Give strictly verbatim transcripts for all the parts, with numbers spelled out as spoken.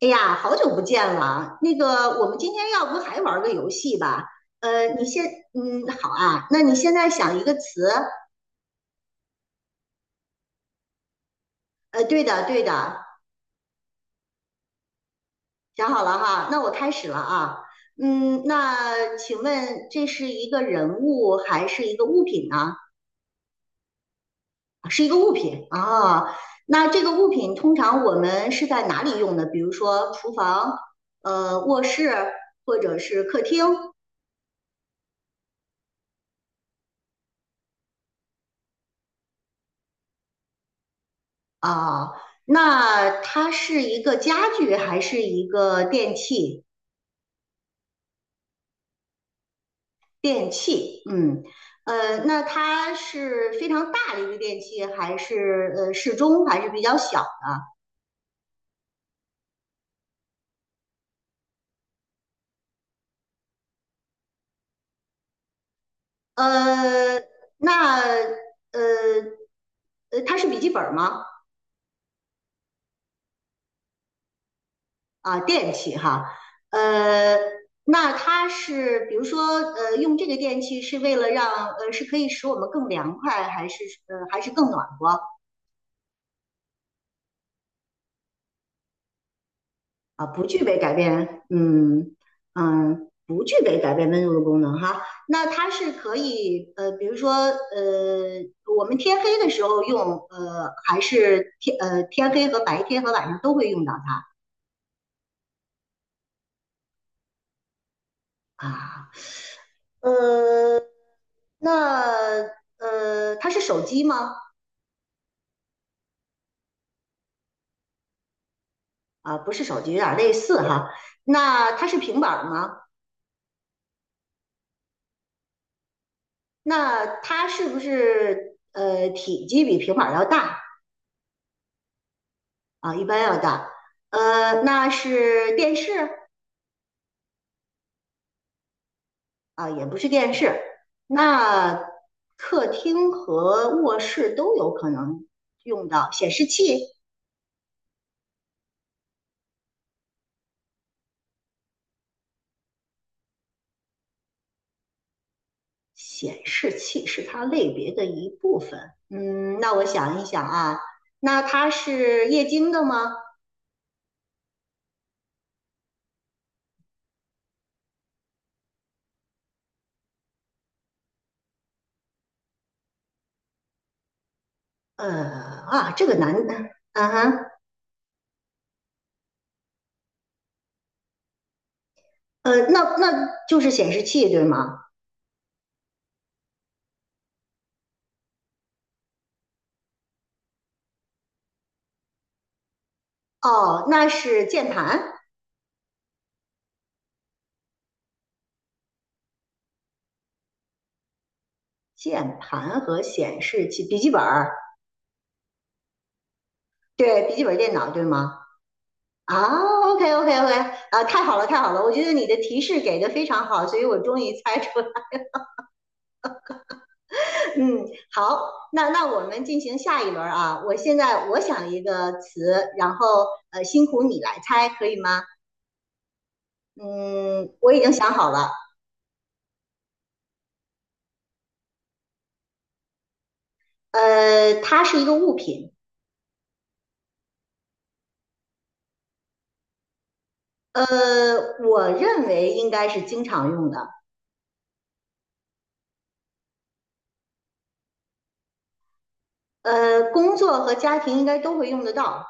哎呀，好久不见了。那个，我们今天要不还玩个游戏吧？呃，你先，嗯，好啊。那你现在想一个词，呃，对的，对的，想好了哈。那我开始了啊。嗯，那请问这是一个人物还是一个物品呢？啊是一个物品啊。那这个物品通常我们是在哪里用的？比如说厨房、呃，卧室或者是客厅。啊，那它是一个家具还是一个电器？电器，嗯，呃，那它是非常大的一个电器，还是呃适中，还是比较小？呃，那呃呃，它是笔记本吗？啊，电器哈，呃，那它是比如说呃，用这个电器是为了让呃是可以使我们更凉快，还是呃还是更暖和？啊，不具备改变，嗯嗯，不具备改变温度的功能哈。那它是可以，呃，比如说，呃，我们天黑的时候用，呃，还是天呃天黑和白天和晚上都会用到它啊。呃，那呃，它是手机吗？啊，不是手机，有点类似哈。那它是平板儿吗？那它是不是呃体积比平板儿要大？啊，一般要大。呃，那是电视啊，也不是电视，那客厅和卧室都有可能用到显示器。显示器是它类别的一部分。嗯，那我想一想啊，那它是液晶的吗？呃啊，这个难的，啊哈，呃，那那就是显示器对吗？哦，那是键盘，键盘和显示器，笔记本儿对，笔记本电脑，对吗？啊，OK OK OK，啊，太好了太好了，我觉得你的提示给的非常好，所以我终于猜出了。嗯，好，那那我们进行下一轮啊，我现在我想一个词，然后呃，辛苦你来猜，可以吗？嗯，我已经想好了，呃，它是一个物品，呃，我认为应该是经常用的，呃，工作和家庭应该都会用得到，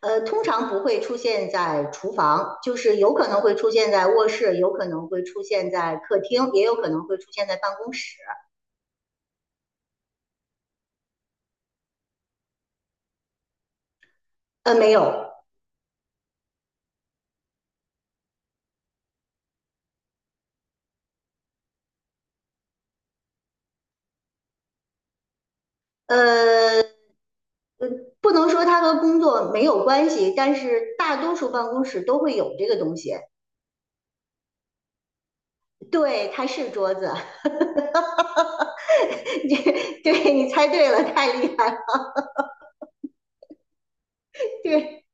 呃，通常不会出现在厨房，就是有可能会出现在卧室，有可能会出现在客厅，也有可能会出现在办公室。呃，没有，呃，呃不能说它和工作没有关系，但是大多数办公室都会有这个东西。对，它是桌子，对，你猜对了，太厉害对。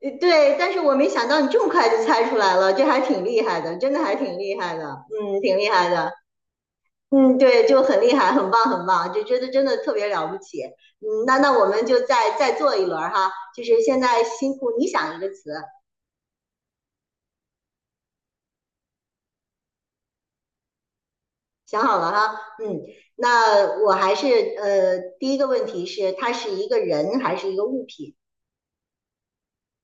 呃对，但是我没想到你这么快就猜出来了，这还挺厉害的，真的还挺厉害的，嗯，挺厉害的。嗯，对，就很厉害，很棒，很棒，就觉得真的特别了不起。嗯，那那我们就再再做一轮儿哈，就是现在辛苦你想一个词，想好了哈。嗯，那我还是呃，第一个问题是它是一个人还是一个物品？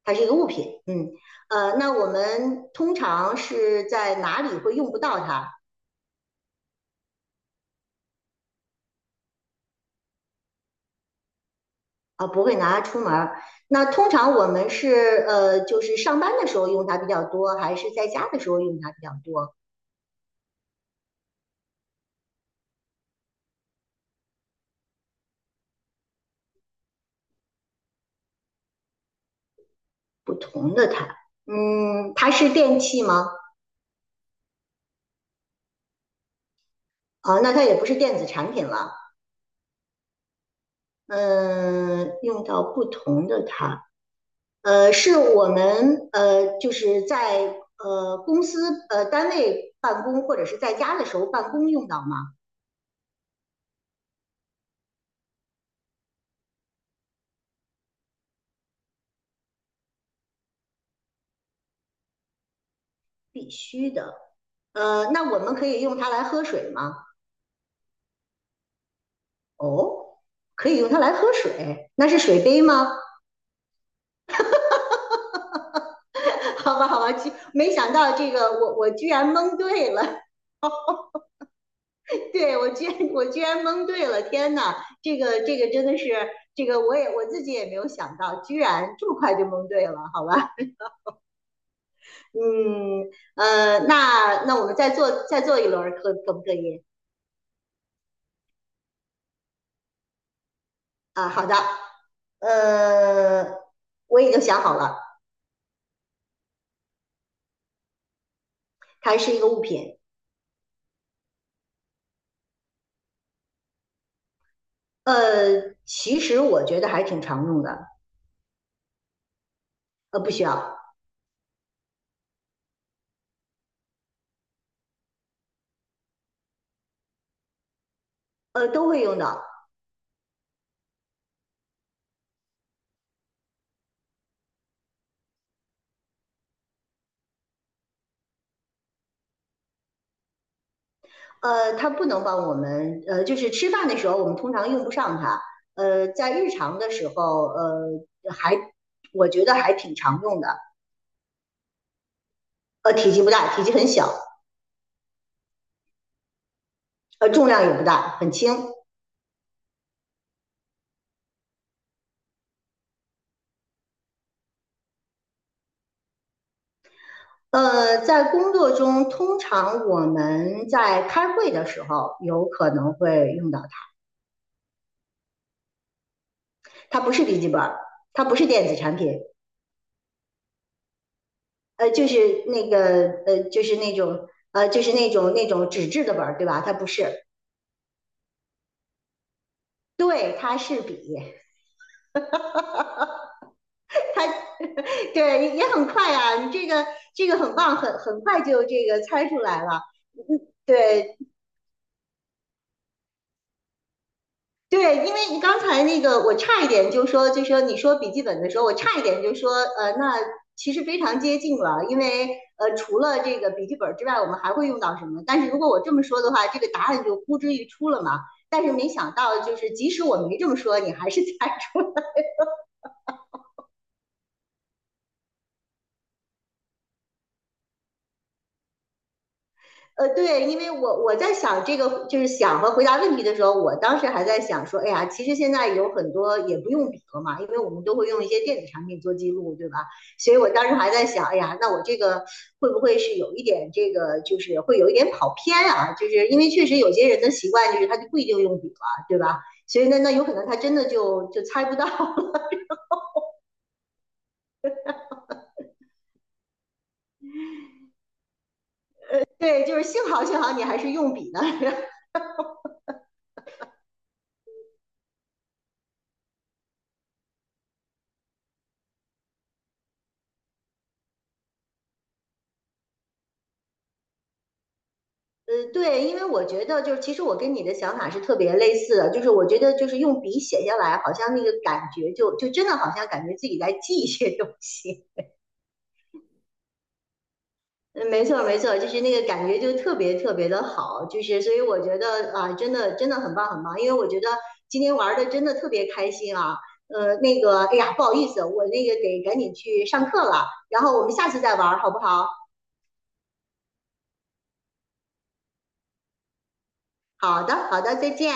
它是一个物品。嗯，呃，那我们通常是在哪里会用不到它啊？不会拿它出门儿。那通常我们是呃，就是上班的时候用它比较多，还是在家的时候用它比较多？不同的它，嗯，它是电器吗？啊，那它也不是电子产品了。嗯、用到不同的它，呃，是我们呃就是在呃公司呃单位办公或者是在家的时候办公用到吗？必须的。呃，那我们可以用它来喝水吗？哦。可以用它来喝水，那是水杯吗？好吧，好吧，居没想到这个我我居然蒙对了。对我居然我居然蒙对了，天呐，这个这个真的是这个我也我自己也没有想到，居然这么快就蒙对了，好吧？嗯呃，那那我们再做再做一轮，可可不可以？啊，好的，呃，我已经想好了，它是一个物品，呃，其实我觉得还挺常用的，呃，不需要，呃，都会用到，呃，它不能帮我们，呃，就是吃饭的时候我们通常用不上它，呃，在日常的时候，呃，还我觉得还挺常用的，呃，体积不大，体积很小，呃，重量也不大，很轻。呃，在工作中，通常我们在开会的时候有可能会用到它，它不是笔记本它不是电子产品，呃，就是那个呃，就是那种呃，就是那种那种纸质的本对吧？它不是，对，它是笔。对，也很快啊，你这个这个很棒，很很快就这个猜出来了。嗯，对对，因为你刚才那个我差一点就说，就说你说笔记本的时候，我差一点就说，呃，那其实非常接近了，因为呃，除了这个笔记本之外，我们还会用到什么？但是如果我这么说的话，这个答案就呼之欲出了嘛。但是没想到，就是即使我没这么说，你还是 猜出呃，对，因为我我在想这个，就是想和回答问题的时候，我当时还在想说，哎呀，其实现在有很多也不用笔了嘛，因为我们都会用一些电子产品做记录，对吧？所以我当时还在想，哎呀，那我这个会不会是有一点这个，就是会有一点跑偏啊？就是因为确实有些人的习惯就是他就不一定用笔了，对吧？所以那那有可能他真的就就猜不到。对，就是幸好幸好你还是用笔呢，呃，对，因为我觉得就是，其实我跟你的想法是特别类似的，就是我觉得就是用笔写下来，好像那个感觉就就真的好像感觉自己在记一些东西。嗯，没错没错，就是那个感觉就特别特别的好，就是所以我觉得啊，真的真的很棒很棒，因为我觉得今天玩的真的特别开心啊。呃，那个，哎呀，不好意思，我那个得赶紧去上课了，然后我们下次再玩好不好？好的好的，再见。